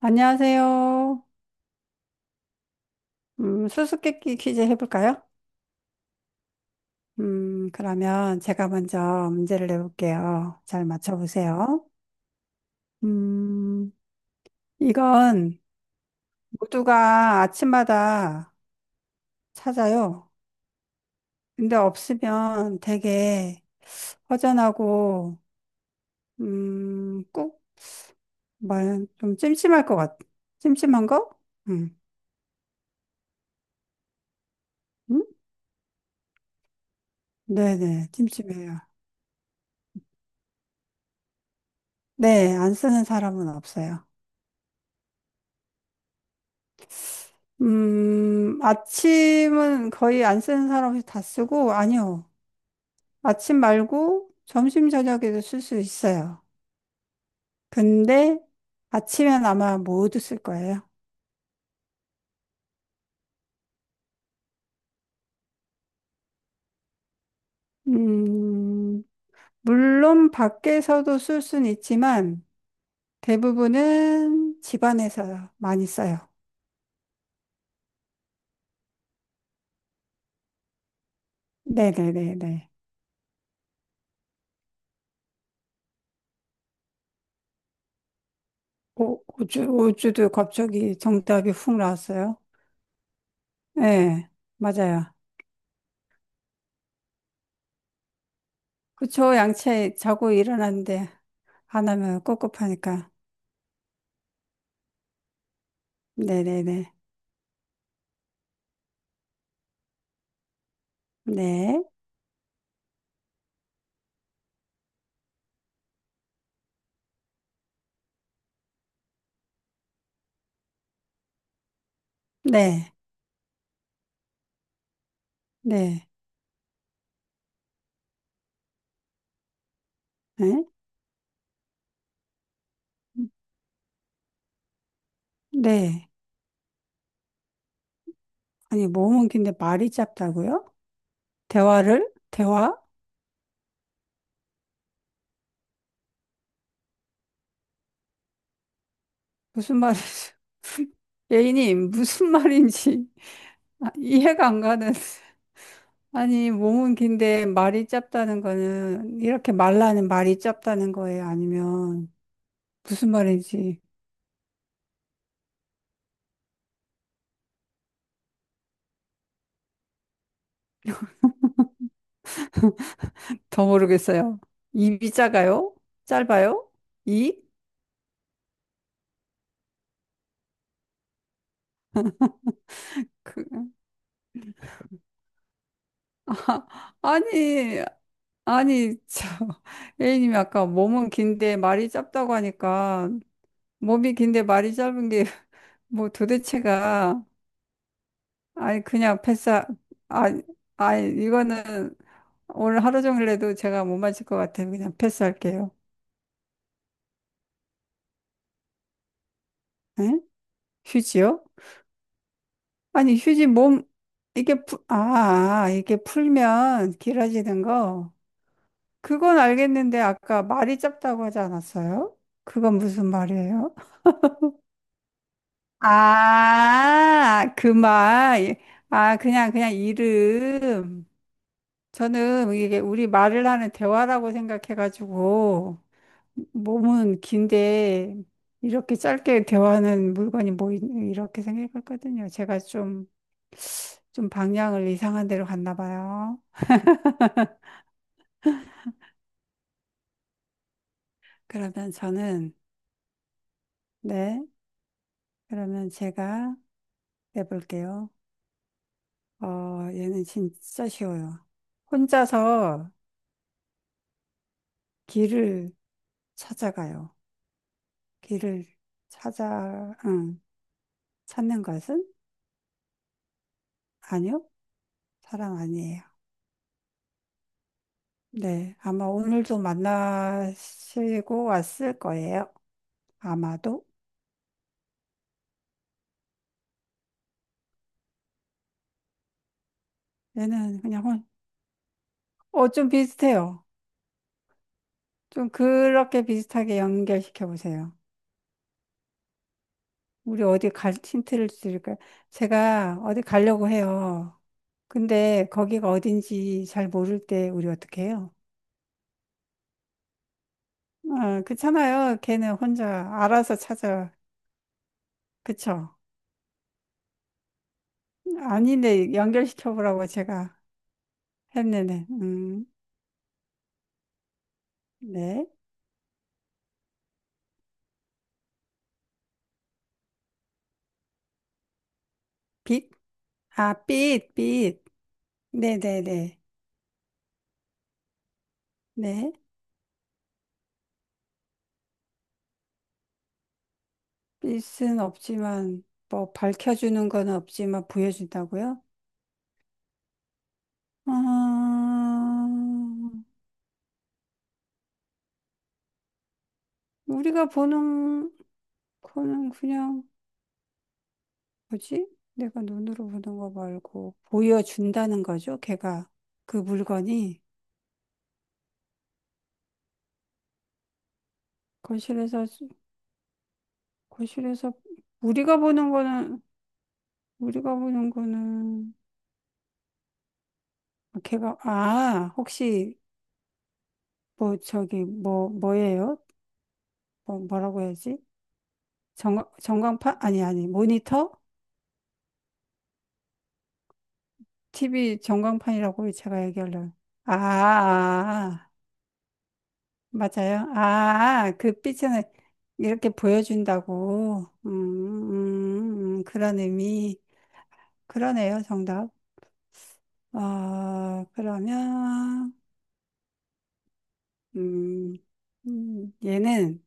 안녕하세요. 수수께끼 퀴즈 해볼까요? 그러면 제가 먼저 문제를 내볼게요. 잘 맞춰보세요. 음, 이건 모두가 아침마다 찾아요. 근데 없으면 되게 허전하고, 꼭, 말, 좀 찜찜한 거? 음, 음? 네네, 찜찜해요. 네, 안 쓰는 사람은 없어요. 아침은 거의 안 쓰는 사람이 다 쓰고, 아니요. 아침 말고 점심, 저녁에도 쓸 수 있어요. 근데 아침엔 아마 모두 쓸 거예요. 음, 물론 밖에서도 쓸 수는 있지만, 대부분은 집안에서 많이 써요. 네네네네. 오, 우주도 갑자기 정답이 훅 나왔어요. 네, 맞아요. 그쵸, 양치 자고 일어났는데. 하나면 꿉꿉하니까. 네네네. 네. 네. 네. 네. 네. 아니, 몸은 긴데 말이 짧다고요? 대화를? 대화? 무슨 말이지 예인님, 무슨 말인지 아, 이해가 안 가는. 아니, 몸은 긴데 말이 짧다는 거는 이렇게 말라는 말이 짧다는 거예요? 아니면 무슨 말인지 더 모르겠어요. 입이 작아요? 짧아요? 이? 그, 아니, 아니, 저, A님이 아까 몸은 긴데 말이 짧다고 하니까, 몸이 긴데 말이 짧은 게, 뭐 도대체가, 아니, 그냥 패스, 아니, 아니, 이거는 오늘 하루 종일 해도 제가 못 맞을 것 같아요. 그냥 패스할게요. 응? 휴지요? 아니, 휴지 몸, 이게, 풀, 아, 아, 이게 풀면 길어지는 거. 그건 알겠는데, 아까 말이 짧다고 하지 않았어요? 그건 무슨 말이에요? 아, 그 말. 아, 그냥 이름. 저는 이게 우리 말을 하는 대화라고 생각해가지고, 몸은 긴데, 이렇게 짧게 대화하는 물건이 뭐, 있- 이렇게 생각했거든요. 제가 좀, 좀 방향을 이상한 데로 갔나 봐요. 그러면 저는, 네, 그러면 제가 내볼게요. 어, 얘는 진짜 쉬워요. 혼자서 길을 찾아가요. 길을 찾아, 응, 찾는 것은? 아니요, 사람 아니에요. 네, 아마 오늘도 만나시고 왔을 거예요. 아마도. 얘는 그냥, 혼- 어, 좀 비슷해요. 좀 그렇게 비슷하게 연결시켜 보세요. 우리 어디 갈, 힌트를 드릴까요? 제가 어디 가려고 해요. 근데 거기가 어딘지 잘 모를 때 우리 어떻게 해요? 어, 그렇잖아요. 걔는 혼자 알아서 찾아. 그쵸? 아니네. 연결시켜보라고 제가 했는데. 네. 빛? 아, 빛. 네네네. 네. 빛은 없지만, 뭐, 밝혀주는 건 없지만, 보여준다고요? 아, 우리가 보는 거는 그냥, 뭐지? 내가 눈으로 보는 거 말고, 보여준다는 거죠, 걔가. 그 물건이. 거실에서, 거실에서, 우리가 보는 거는, 우리가 보는 거는, 걔가 아 혹시 뭐 저기 뭐 뭐예요? 뭐 뭐라고 해야지? 전 전광판 아니 아니 모니터? TV 전광판이라고 제가 얘기하려고. 아, 아, 아. 맞아요. 아, 그 빛을 이렇게 보여준다고. 그런 의미. 그러네요, 정답. 아, 그러면 음, 얘는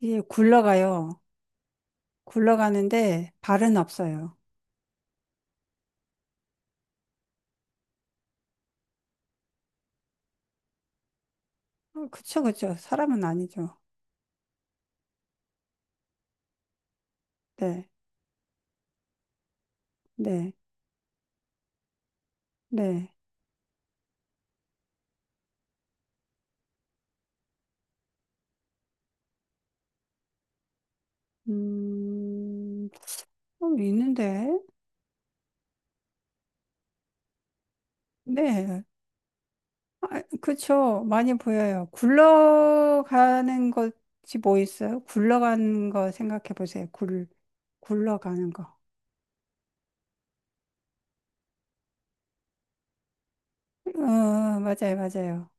이게 굴러가요. 굴러가는데 발은 없어요. 그쵸. 사람은 아니죠. 네, 네, 네. 음, 좀 있는데. 네, 그쵸. 많이 보여요. 굴러가는 것이 뭐 있어요? 굴러가는 거 생각해 보세요. 굴, 굴러가는 거. 어, 맞아요, 맞아요.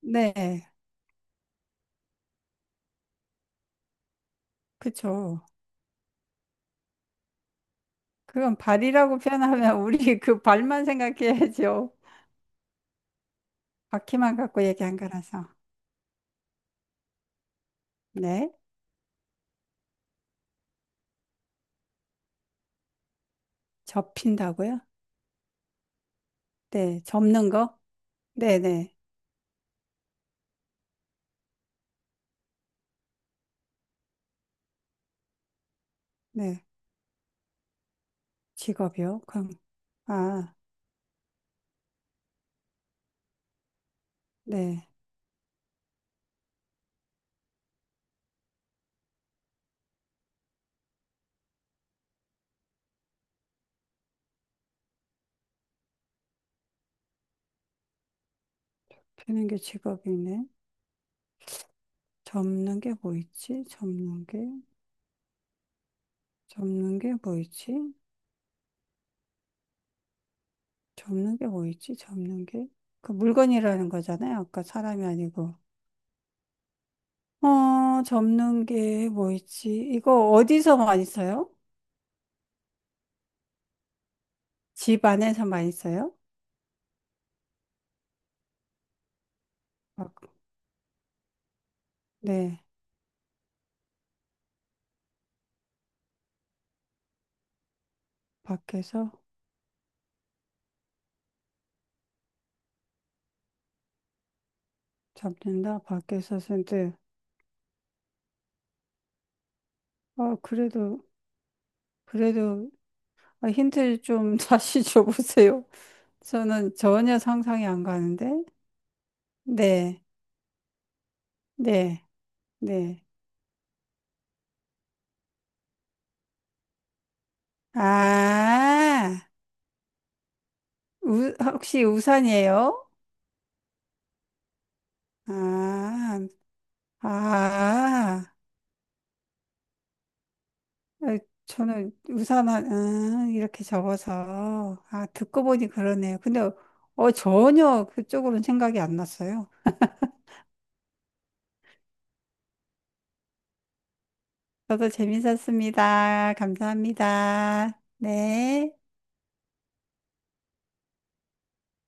네, 그쵸. 그건 발이라고 표현하면 우리 그 발만 생각해야죠. 바퀴만 갖고 얘기한 거라서. 네, 접힌다고요? 네, 접는 거? 네네. 네. 직업이요? 그럼, 아, 네. 펴는 게 직업이네. 접는 게 뭐 있지? 접는 게, 접는 게 뭐 있지? 접는 게 뭐 있지? 접는 게. 그 물건이라는 거잖아요. 아까 사람이 아니고. 어, 접는 게 뭐 있지? 이거 어디서 많이 써요? 집 안에서 많이 써요? 밖- 네. 밖에서 접는다. 밖에서 쓰는데. 아, 그래도, 그래도, 아, 힌트 좀 다시 줘보세요. 저는 전혀 상상이 안 가는데. 네, 네, 네. 아, 우, 혹시 우산이에요? 아, 아, 에, 저는 우산, 한- 아, 이렇게 접어서. 아, 듣고 보니 그러네요. 근데, 어, 전혀 그쪽으로는 생각이 안 났어요. 저도 재밌었습니다. 감사합니다. 네.